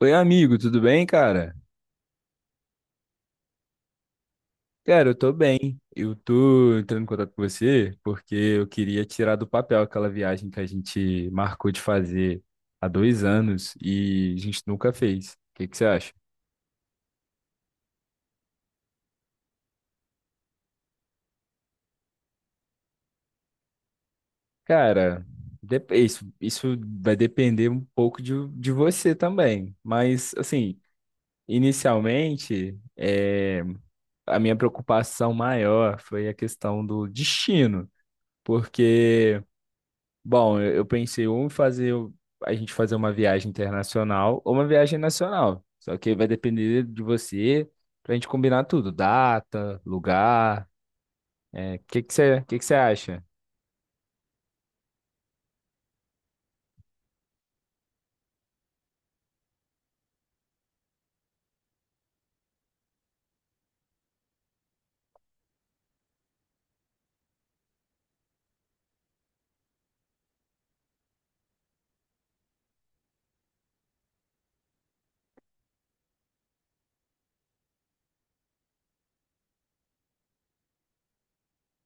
Oi, amigo, tudo bem, cara? Cara, eu tô bem. Eu tô entrando em contato com você porque eu queria tirar do papel aquela viagem que a gente marcou de fazer há dois anos e a gente nunca fez. O que que você acha? Cara, isso vai depender um pouco de você também. Mas, assim, inicialmente, a minha preocupação maior foi a questão do destino. Porque bom, eu pensei ou em a gente fazer uma viagem internacional ou uma viagem nacional. Só que vai depender de você pra gente combinar tudo, data, lugar. O que que você acha?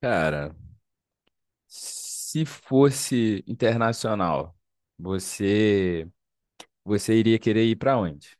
Cara, se fosse internacional, você você iria querer ir pra onde?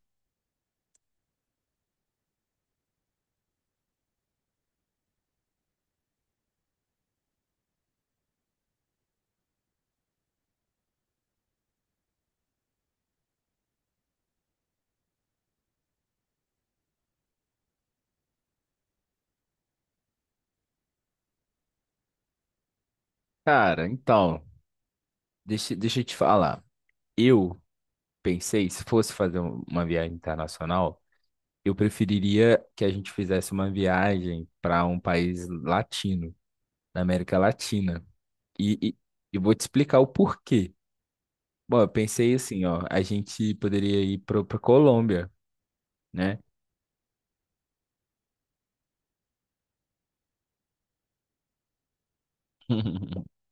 Cara, então, deixa eu te falar. Eu pensei, se fosse fazer uma viagem internacional, eu preferiria que a gente fizesse uma viagem para um país latino, da América Latina. E eu vou te explicar o porquê. Bom, eu pensei assim, ó, a gente poderia ir para a Colômbia, né?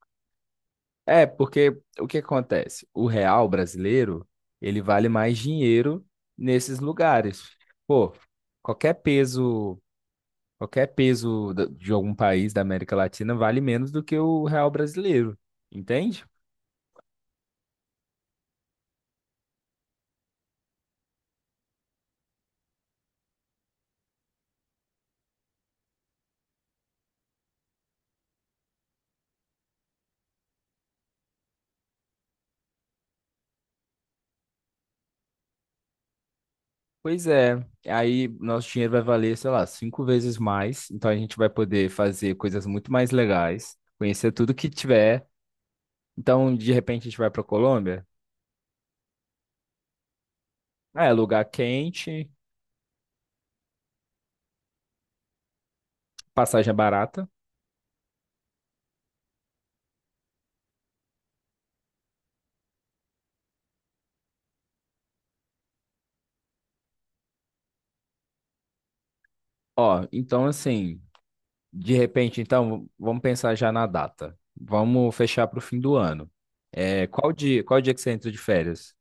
É, porque o que acontece? O real brasileiro, ele vale mais dinheiro nesses lugares. Pô, qualquer peso, qualquer peso de algum país da América Latina vale menos do que o real brasileiro, entende? Pois é, aí nosso dinheiro vai valer, sei lá, cinco vezes mais. Então a gente vai poder fazer coisas muito mais legais, conhecer tudo que tiver. Então, de repente, a gente vai para Colômbia. Ah, é, lugar quente, passagem é barata. Ó, então assim, de repente, então, vamos pensar já na data. Vamos fechar para o fim do ano. É, qual dia que você entra de férias?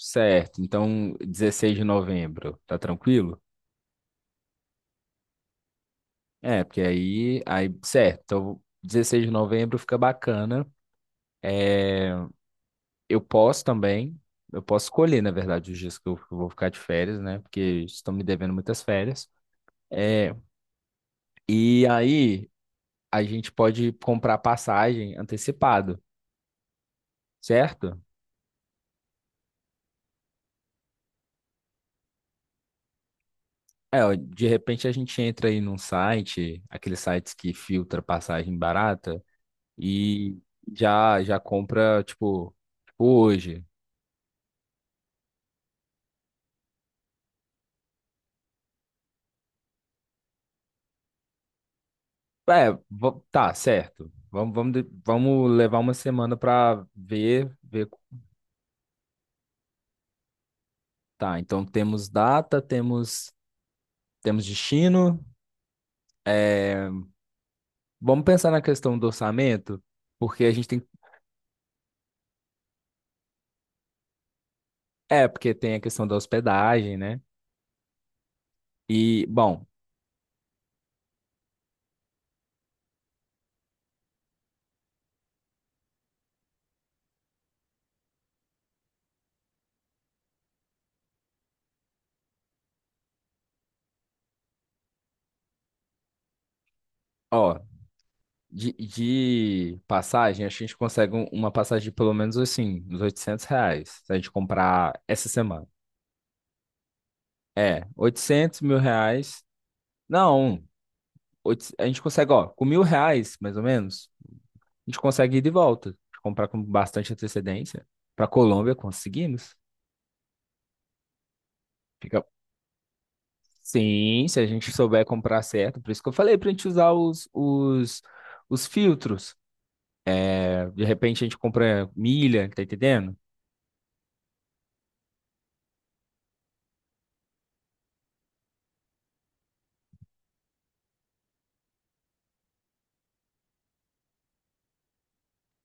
Certo, então 16 de novembro, tá tranquilo? É, porque certo, então 16 de novembro fica bacana. É, eu posso também, eu posso escolher, na verdade, os dias que eu vou ficar de férias, né? Porque estão me devendo muitas férias. É, e aí a gente pode comprar passagem antecipado, certo? É, ó, de repente a gente entra aí num site, aqueles sites que filtra passagem barata, e já já compra, tipo, tipo hoje. É, tá, certo. Vamos levar uma semana para ver, ver. Tá, então temos data, temos destino. É, vamos pensar na questão do orçamento, porque a gente tem. É, porque tem a questão da hospedagem, né? E bom, ó, de passagem, acho que a gente consegue uma passagem de pelo menos assim, uns 800 reais, se a gente comprar essa semana. É, 800 mil reais. Não. A gente consegue, ó, com mil reais, mais ou menos, a gente consegue ir de volta, comprar com bastante antecedência. Para Colômbia, conseguimos. Fica... Sim, se a gente souber comprar certo. Por isso que eu falei para a gente usar os filtros. É, de repente a gente compra milha, tá entendendo?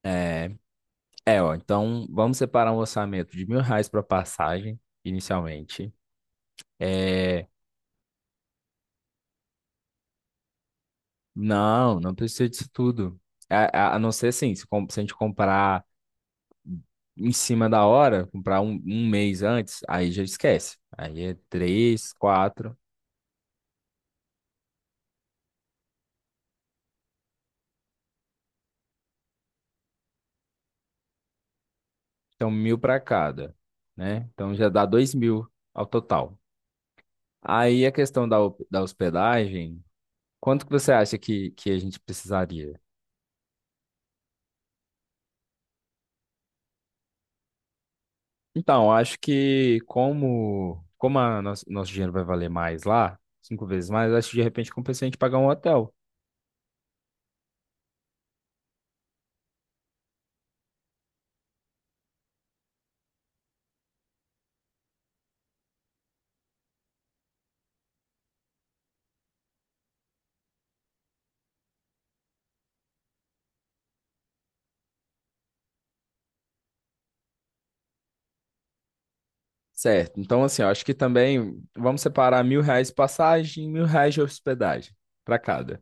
É, ó, então vamos separar um orçamento de mil reais para passagem, inicialmente. É, não, não precisa disso tudo. A não ser assim, se se a gente comprar em cima da hora, comprar um mês antes, aí já esquece. Aí é três, quatro, então mil para cada, né? Então já dá dois mil ao total. Aí a questão da hospedagem, quanto que você acha que a gente precisaria? Então, eu acho que como a nosso dinheiro vai valer mais lá, cinco vezes mais, eu acho que de repente compensa a gente pagar um hotel. Certo, então assim, eu acho que também vamos separar mil reais de passagem, mil reais de hospedagem para cada.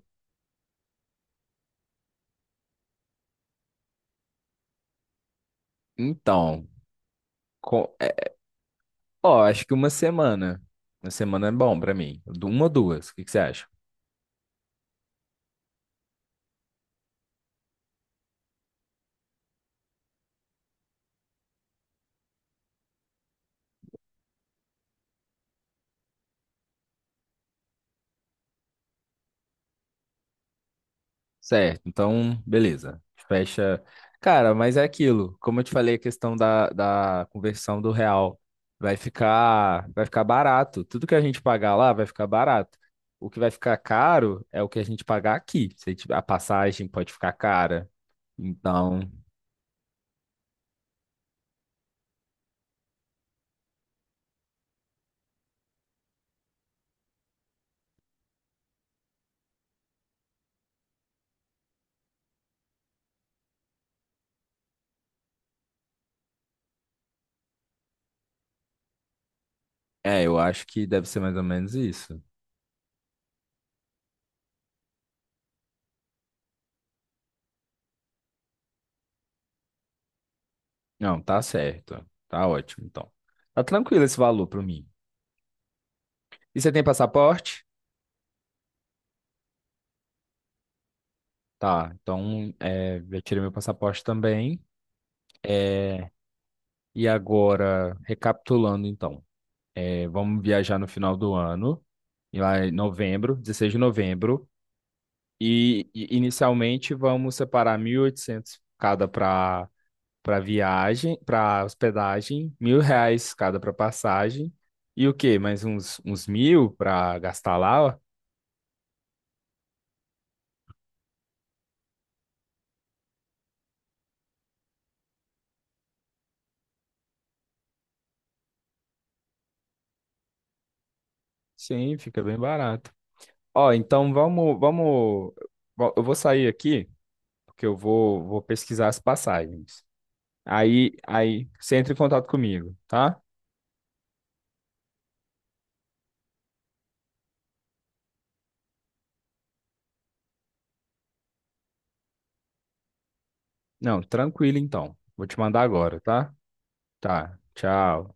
Então, co- é, ó, acho que uma semana. Uma semana é bom pra mim. Uma ou duas, o que que você acha? Certo, então, beleza. Fecha. Cara, mas é aquilo. Como eu te falei, a questão da conversão do real vai ficar barato. Tudo que a gente pagar lá vai ficar barato. O que vai ficar caro é o que a gente pagar aqui. Se a passagem pode ficar cara. Então, é, eu acho que deve ser mais ou menos isso. Não, tá certo. Tá ótimo, então. Tá tranquilo esse valor pra mim. E você tem passaporte? Tá, então é, já tirei meu passaporte também. É, e agora, recapitulando então, é, vamos viajar no final do ano, e lá em novembro, 16 de novembro, e inicialmente vamos separar 1.800 cada para para viagem, para hospedagem, mil reais cada para passagem, e o quê? Mais uns, uns mil para gastar lá? Ó. Sim, fica bem barato. Ó, então vamos, vamos. Eu vou sair aqui, porque eu vou, vou pesquisar as passagens. Você entra em contato comigo, tá? Não, tranquilo então. Vou te mandar agora, tá? Tá. Tchau.